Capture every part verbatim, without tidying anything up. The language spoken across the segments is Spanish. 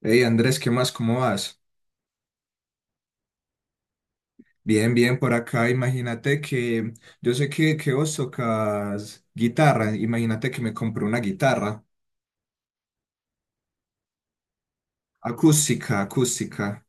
Hey Andrés, ¿qué más? ¿Cómo vas? Bien, bien, por acá. Imagínate que yo sé que, que vos tocas guitarra. Imagínate que me compré una guitarra acústica, acústica.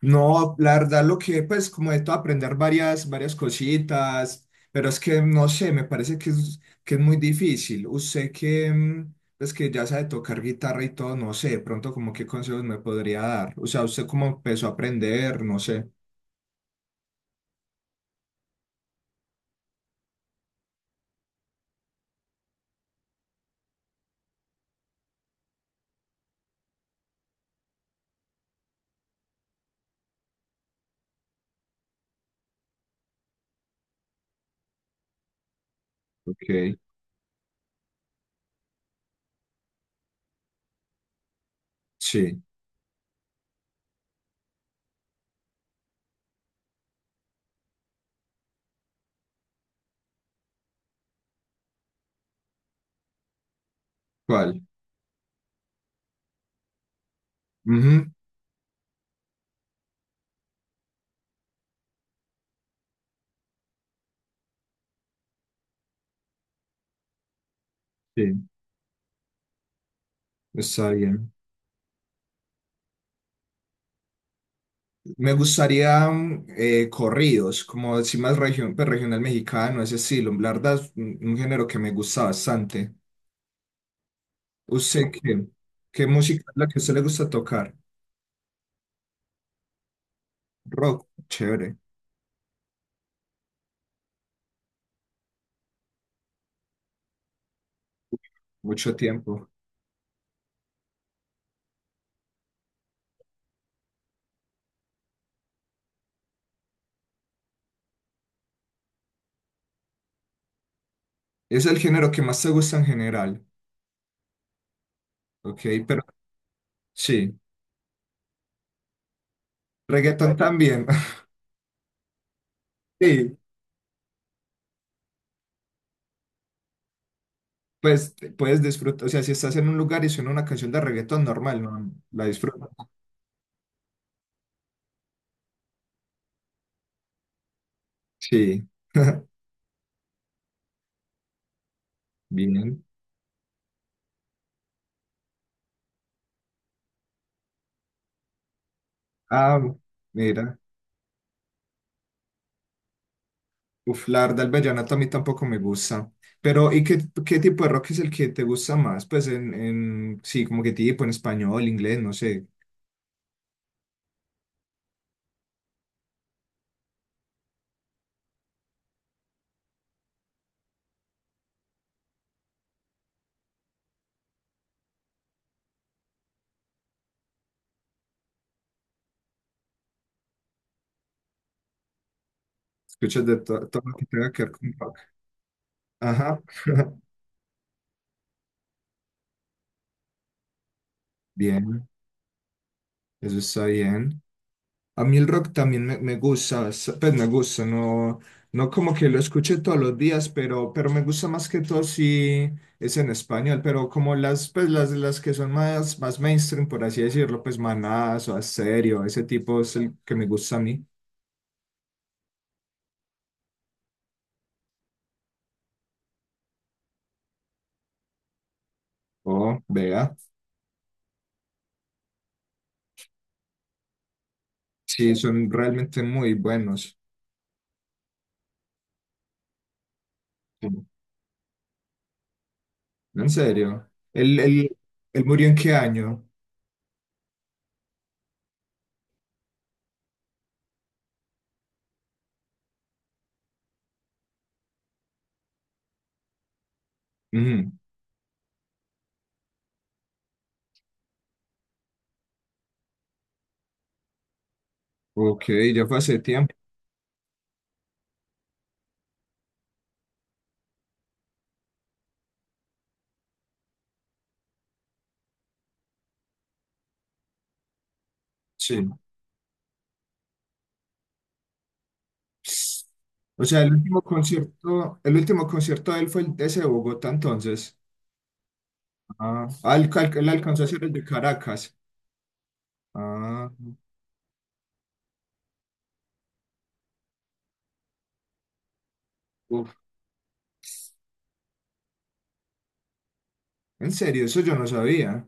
No, la verdad, lo que pues como de todo aprender varias, varias cositas, pero es que no sé, me parece que es, que es muy difícil. Usted que, mm, pues que ya sabe tocar guitarra y todo, no sé, de pronto como qué consejos me podría dar. O sea, usted cómo empezó a aprender, no sé. Ok, sí. ¿Cuál? Ujú. Sí, está bien. Me gustaría mm, eh, corridos, como decir más region, pues, regional mexicano, ese estilo. La verdad es un, un género que me gusta bastante. ¿Usted qué? ¿Qué música es la que a usted le gusta tocar? Rock, chévere, mucho tiempo. Es el género que más te gusta en general, ok, pero sí, reggaetón también. Sí, pues te- puedes disfrutar, o sea, si estás en un lugar y suena una canción de reggaetón normal, no, la disfrutas. Sí, bien. Ah, mira. Uf, la verdad, el vallenato a mí tampoco me gusta. Pero, ¿y qué, ¿qué tipo de rock es el que te gusta más? Pues en, en sí, como que tipo en español, inglés, no sé. Escuchas de to- todo lo que tenga que ver con rock. Ajá. Bien, eso está bien. A mí el rock también me, me gusta, s- pues me gusta, no, no como que lo escuche todos los días, pero, pero me gusta más que todo si es en español, pero como las, pues las, las que son más, más mainstream, por así decirlo, pues Manás o Asterio, ese tipo es el que me gusta a mí. Oh, vea, sí, son realmente muy buenos. Sí, en serio. ¿Él, él, ¿él murió en qué año? Ujú. Ok, ya fue hace tiempo, sí. O sea, el último concierto, el último concierto de él fue el de ese de Bogotá entonces. Ah, ah, él, cal- él alcanzó a hacer el de Caracas. Ah, uf. En serio, eso yo no sabía.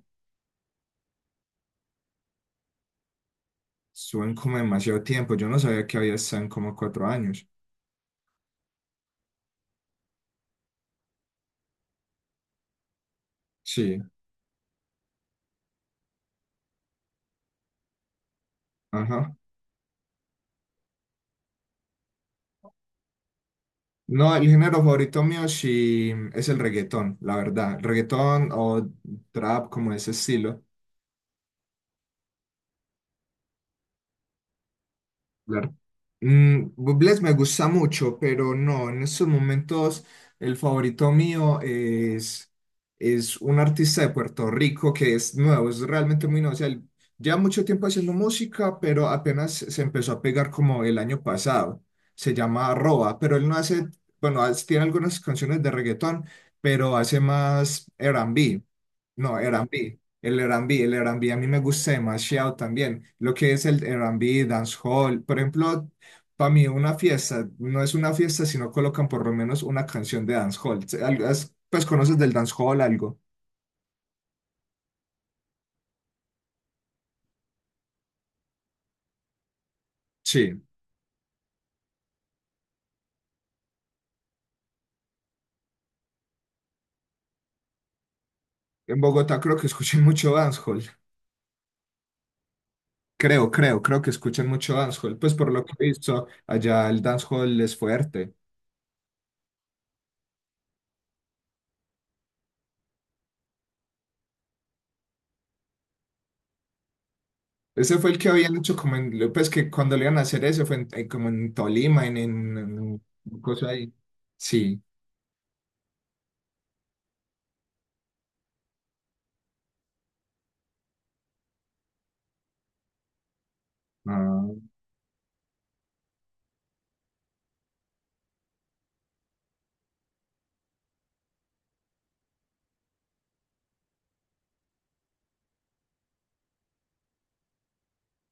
Suben como demasiado tiempo. Yo no sabía que había estado en como cuatro años. Sí, ajá. No, el género favorito mío sí es el reggaetón, la verdad. Reggaetón o trap, como ese estilo. Claro. Mm, Bublé me gusta mucho, pero no, en estos momentos el favorito mío es, es un artista de Puerto Rico que es nuevo, es realmente muy nuevo. O sea, él lleva mucho tiempo haciendo música, pero apenas se empezó a pegar como el año pasado. Se llama Arroba, pero él no hace, bueno, hace- tiene algunas canciones de reggaetón, pero hace más R and B. No, Mm. R and B. El R and B, el R and B a mí me gusta demasiado también. Lo que es el R and B, dancehall, por ejemplo, para mí una fiesta no es una fiesta si no colocan por lo menos una canción de dancehall. Se- al- has- Pues conoces del dancehall algo. Sí, en Bogotá creo que escuchan mucho dancehall. Creo, creo, creo que escuchan mucho dancehall. Pues por lo que he visto, allá el dancehall es fuerte. Ese fue el que habían hecho como en, pues que cuando le iban a hacer eso fue en- eh, como en Tolima, en, en, en cosa ahí. Sí. Ah,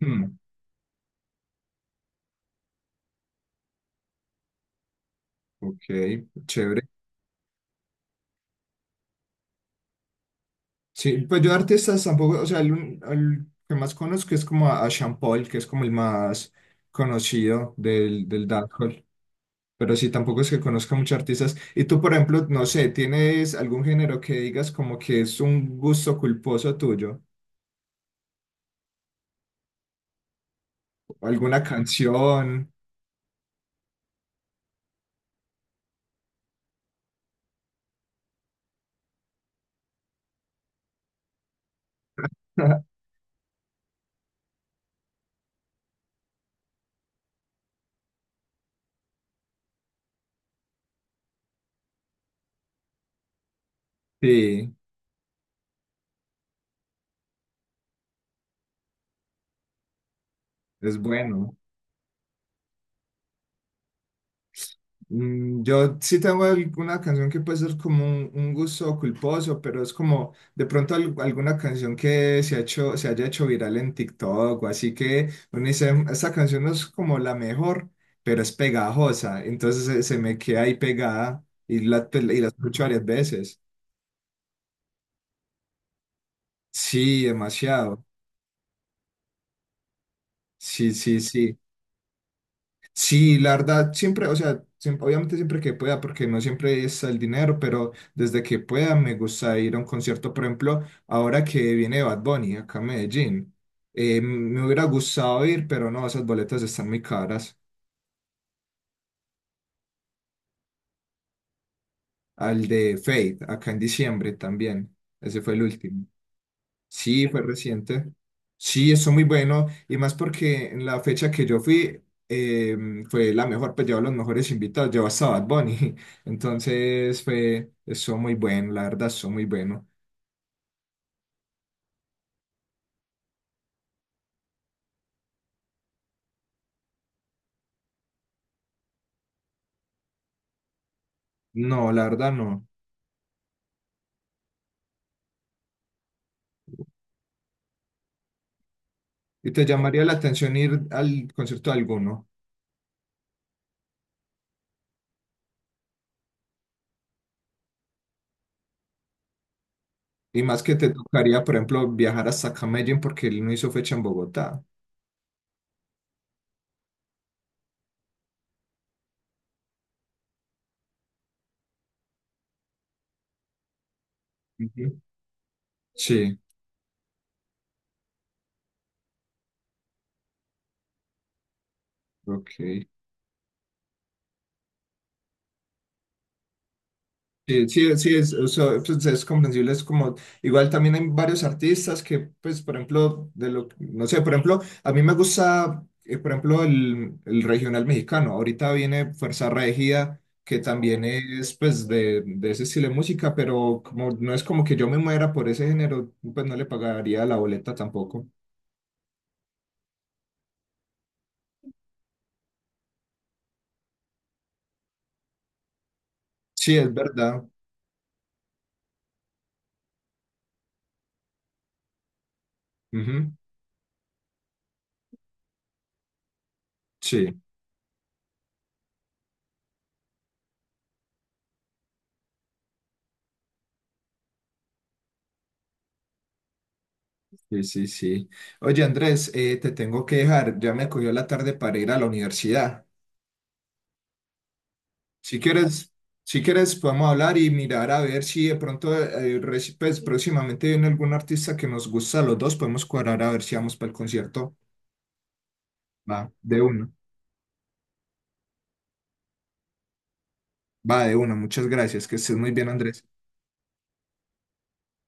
hmm. Ok, chévere. Sí, pues yo de artistas tampoco, o sea, el, un- el que más conozco es como a, a Sean Paul, que es como el más conocido del, del dancehall, pero sí, tampoco es que conozca muchos artistas. Y tú, por ejemplo, no sé, ¿tienes algún género que digas como que es un gusto culposo tuyo? ¿Alguna canción? Sí, es bueno. Mm, Yo sí tengo alguna canción que puede ser como un, un gusto culposo, pero es como de pronto al- alguna canción que se ha hecho, se haya hecho viral en TikTok o así que uno dice, "Mm, esta canción no es como la mejor, pero es pegajosa, entonces se, se me queda ahí pegada y la, pues, y la escucho varias veces". Sí, demasiado. Sí, sí, sí. Sí, la verdad, siempre, o sea, siempre- obviamente siempre que pueda, porque no siempre es el dinero, pero desde que pueda me gusta ir a un concierto, por ejemplo, ahora que viene Bad Bunny acá a Medellín, eh, me hubiera gustado ir, pero no, esas boletas están muy caras. Al de Fate, acá en diciembre también, ese fue el último. Sí, fue reciente. Sí, eso muy bueno. Y más porque en la fecha que yo fui eh, fue la mejor, pues llevaba los mejores invitados, llevaba hasta Bad Bunny. Entonces fue, eso muy bueno, la verdad, eso muy bueno. No, la verdad no. ¿Y te llamaría la atención ir al concierto de alguno? Y más que te tocaría, por ejemplo, viajar hasta Medellín porque él no hizo fecha en Bogotá. Ujú. Sí, ok. Sí, sí, sí, es, o sea, pues, es comprensible, es como, igual también hay varios artistas que, pues, por ejemplo, de lo, que- no sé, por ejemplo, a mí me gusta, eh, por ejemplo, el, el regional mexicano, ahorita viene Fuerza Regida, que también es, pues, de, de ese estilo de música, pero como no es como que yo me muera por ese género, pues no le pagaría la boleta tampoco. Sí, es verdad. Ujú, sí, sí, sí, sí. Oye, Andrés, eh, te tengo que dejar, ya me cogió la tarde para ir a la universidad. Si quieres, si quieres, podemos hablar y mirar a ver si de pronto, eh, reci- pues próximamente viene algún artista que nos gusta a los dos, podemos cuadrar a ver si vamos para el concierto. Va, de uno. Va, de uno. Muchas gracias. Que estés muy bien, Andrés.